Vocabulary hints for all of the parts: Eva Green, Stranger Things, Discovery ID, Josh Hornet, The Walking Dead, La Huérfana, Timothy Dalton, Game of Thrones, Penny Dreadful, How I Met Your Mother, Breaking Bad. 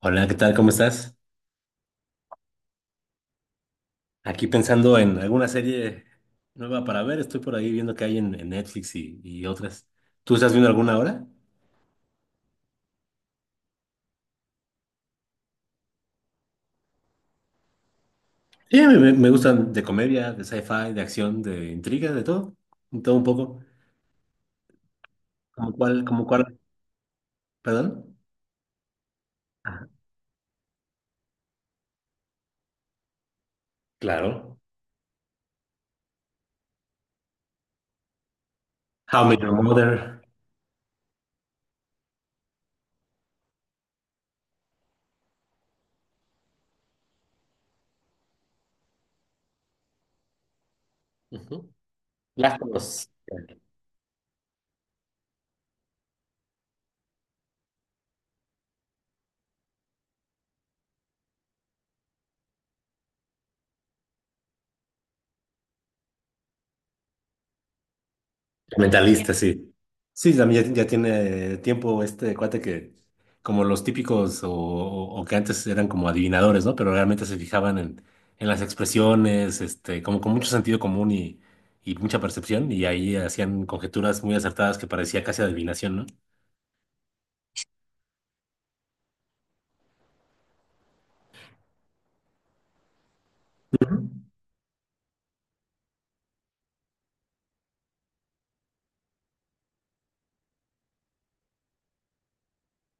Hola, ¿qué tal? ¿Cómo estás? Aquí pensando en alguna serie nueva para ver. Estoy por ahí viendo que hay en Netflix y otras. ¿Tú estás viendo alguna ahora? Sí, me gustan de comedia, de sci-fi, de acción, de intriga, de todo. De todo un poco. ¿Como cuál? ¿Como cuál? ¿Perdón? Ajá, claro. How I Met Your Mother. Ujú. Las conozco. Mentalista, sí. Sí, también ya, ya tiene tiempo este cuate que, como los típicos o que antes eran como adivinadores, ¿no? Pero realmente se fijaban en las expresiones, este, como con mucho sentido común y mucha percepción, y ahí hacían conjeturas muy acertadas que parecía casi adivinación, ¿no?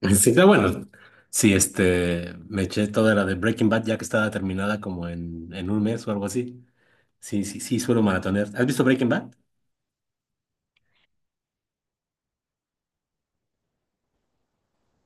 Sí, pero bueno, sí, este, me eché toda la de Breaking Bad ya que estaba terminada como en un mes o algo así. Sí, sí, sí, suelo maratonear. ¿Has visto Breaking Bad?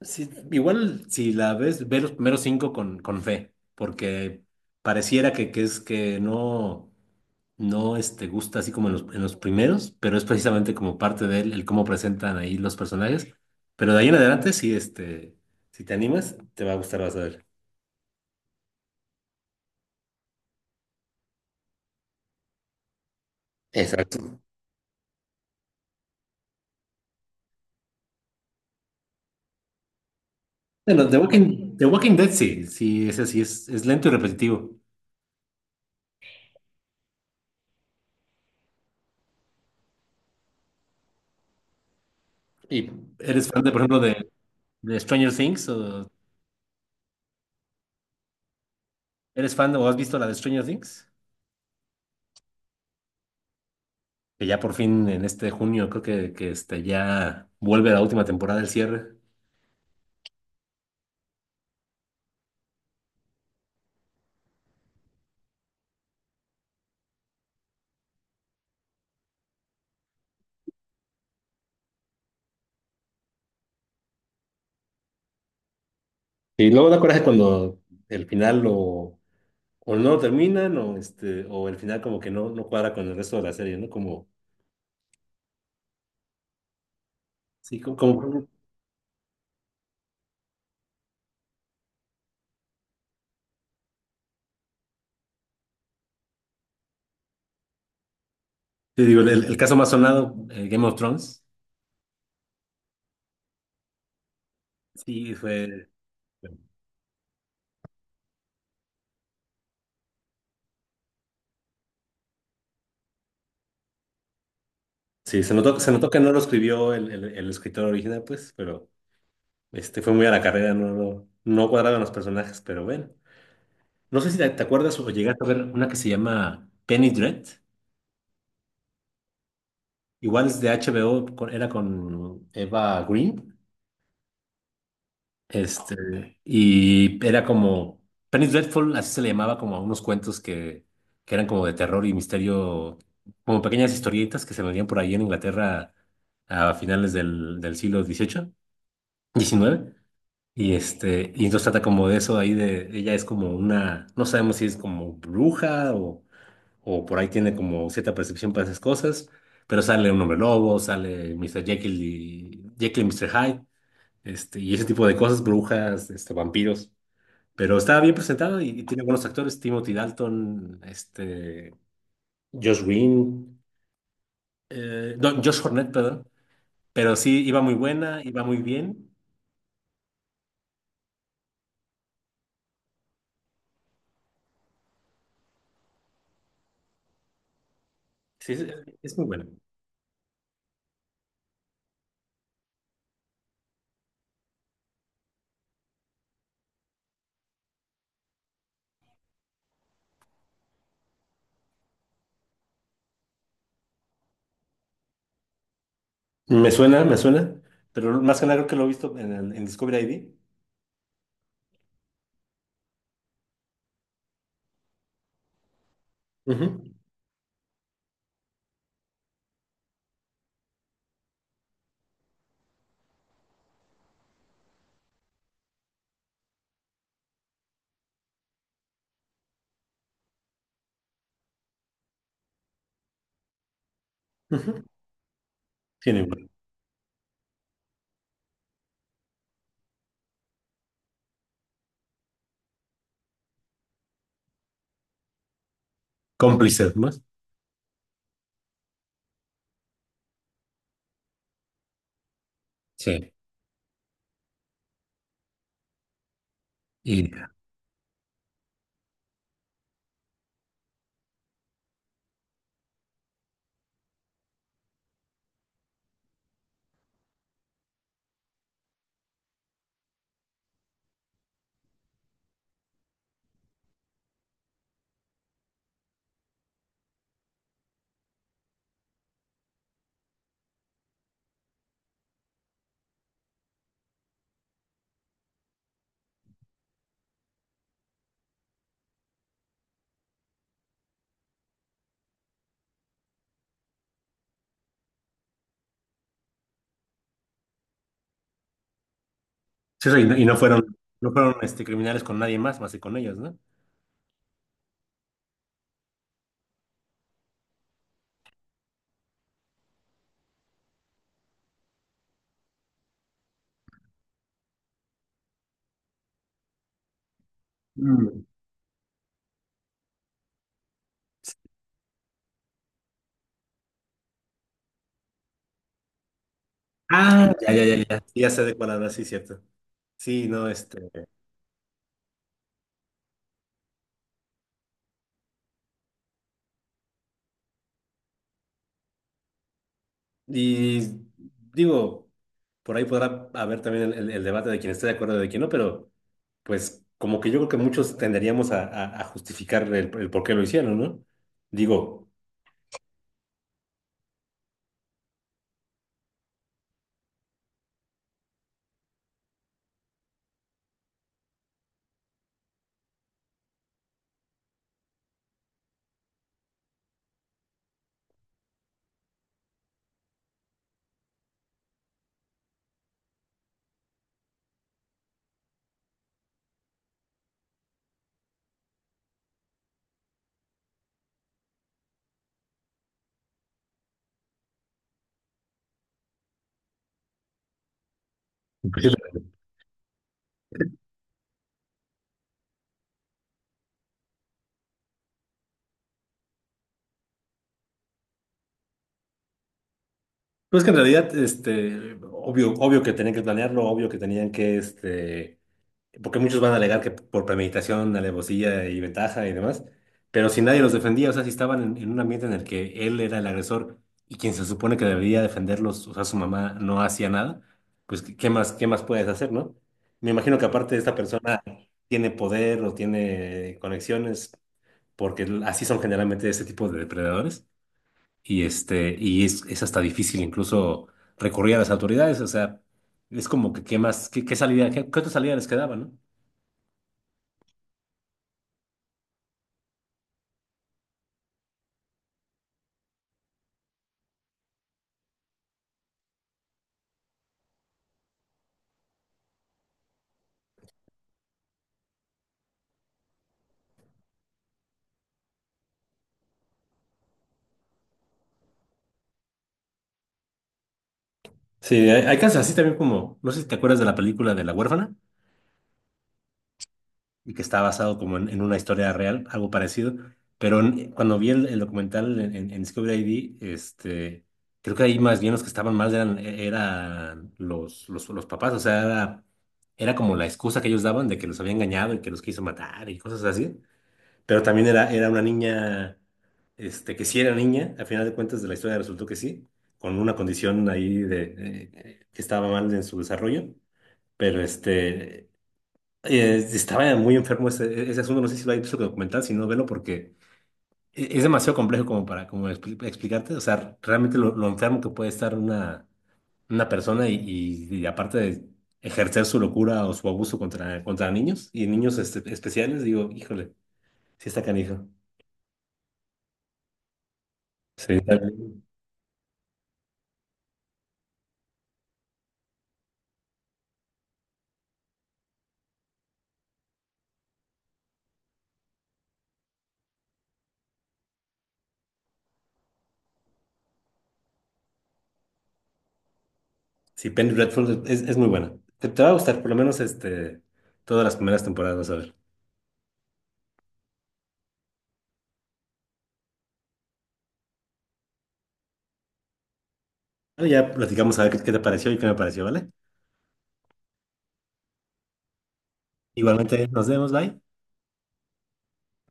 Sí, igual si la ves, ve los primeros cinco con fe, porque pareciera que es que no este, gusta así como en los primeros, pero es precisamente como parte de él, el cómo presentan ahí los personajes. Pero de ahí en adelante, sí, este, si te animas, te va a gustar, vas a ver. Exacto. Bueno, The Walking Dead sí, sí, ese sí es lento y repetitivo. ¿Y eres fan de, por ejemplo, de Stranger Things? ¿O eres fan o has visto la de Stranger Things? Que ya por fin en este junio creo que este, ya vuelve la última temporada del cierre. Y luego da coraje cuando el final o no lo terminan o, este, o el final como que no cuadra con el resto de la serie, ¿no? Sí, te digo, el caso más sonado, Game of Thrones, sí, fue, sí, se notó que no lo escribió el escritor original, pues, pero este, fue muy a la carrera, no, no, no cuadraban los personajes, pero bueno. No sé si te acuerdas o llegaste a ver una que se llama Penny Dread. Igual es de HBO, era con Eva Green, este, y era como, Penny Dreadful, así se le llamaba como a unos cuentos que eran como de terror y misterio, como pequeñas historietas que se vendían por ahí en Inglaterra a finales del siglo XVIII XIX y este, y entonces trata como de eso ahí de, ella es como una, no sabemos si es como bruja o por ahí tiene como cierta percepción para esas cosas, pero sale un hombre lobo, sale mister Jekyll y Mr. Hyde, este, y ese tipo de cosas, brujas, este, vampiros. Pero estaba bien presentado y tiene buenos actores, Timothy Dalton, este, Josh Green, no, Josh Hornet, perdón. Pero sí, iba muy buena, iba muy bien. Sí, es muy buena. Me suena, pero más que nada creo que lo he visto en, en Discovery ID. Ujú, ujú. Tiene bueno. Cómplices más. Sí. Y Sí, y no fueron, no fueron este, criminales con nadie más, que con ellos, ¿no? Mm. Ah, ya, ya, ya, ya. Sí, ya sé de cuál hablas, sí, cierto. Sí, no, este. Y digo, por ahí podrá haber también el, el debate de quién esté de acuerdo y de quién no, pero pues como que yo creo que muchos tenderíamos a, a justificar el por qué lo hicieron, ¿no? Digo, pues pues que en realidad, este, obvio, obvio que tenían que planearlo, obvio que tenían que, este. Porque muchos van a alegar que por premeditación, alevosía y ventaja y demás, pero si nadie los defendía, o sea, si estaban en un ambiente en el que él era el agresor y quien se supone que debería defenderlos, o sea, su mamá no hacía nada, pues, ¿qué más, qué más puedes hacer? ¿No? Me imagino que aparte esta persona tiene poder o tiene conexiones, porque así son generalmente ese tipo de depredadores, y este, y es hasta difícil incluso recurrir a las autoridades, o sea, es como que qué más, qué salida, qué otra salida les quedaba, ¿no? Sí, hay casos así también como, no sé si te acuerdas de la película de La Huérfana, y que está basado como en una historia real, algo parecido, pero cuando vi el documental en Discovery ID, este, creo que ahí más bien los que estaban mal eran los papás, o sea, era como la excusa que ellos daban de que los había engañado y que los quiso matar y cosas así, pero también era una niña, este, que sí era niña, al final de cuentas de la historia resultó que sí, con una condición ahí de, que estaba mal en su desarrollo. Pero este, estaba muy enfermo ese, asunto, no sé si lo hay visto que documental, si no, velo porque es demasiado complejo como para como explicarte, o sea, realmente lo enfermo que puede estar una persona y aparte de ejercer su locura o su abuso contra niños y niños este, especiales, digo, híjole, sí está canijo. Sí, está bien. Sí, Penny Dreadful es muy buena. Te va a gustar, por lo menos este, todas las primeras temporadas, vas a ver. Bueno, ya platicamos a ver qué, te pareció y qué me pareció, ¿vale? Igualmente, nos vemos, bye.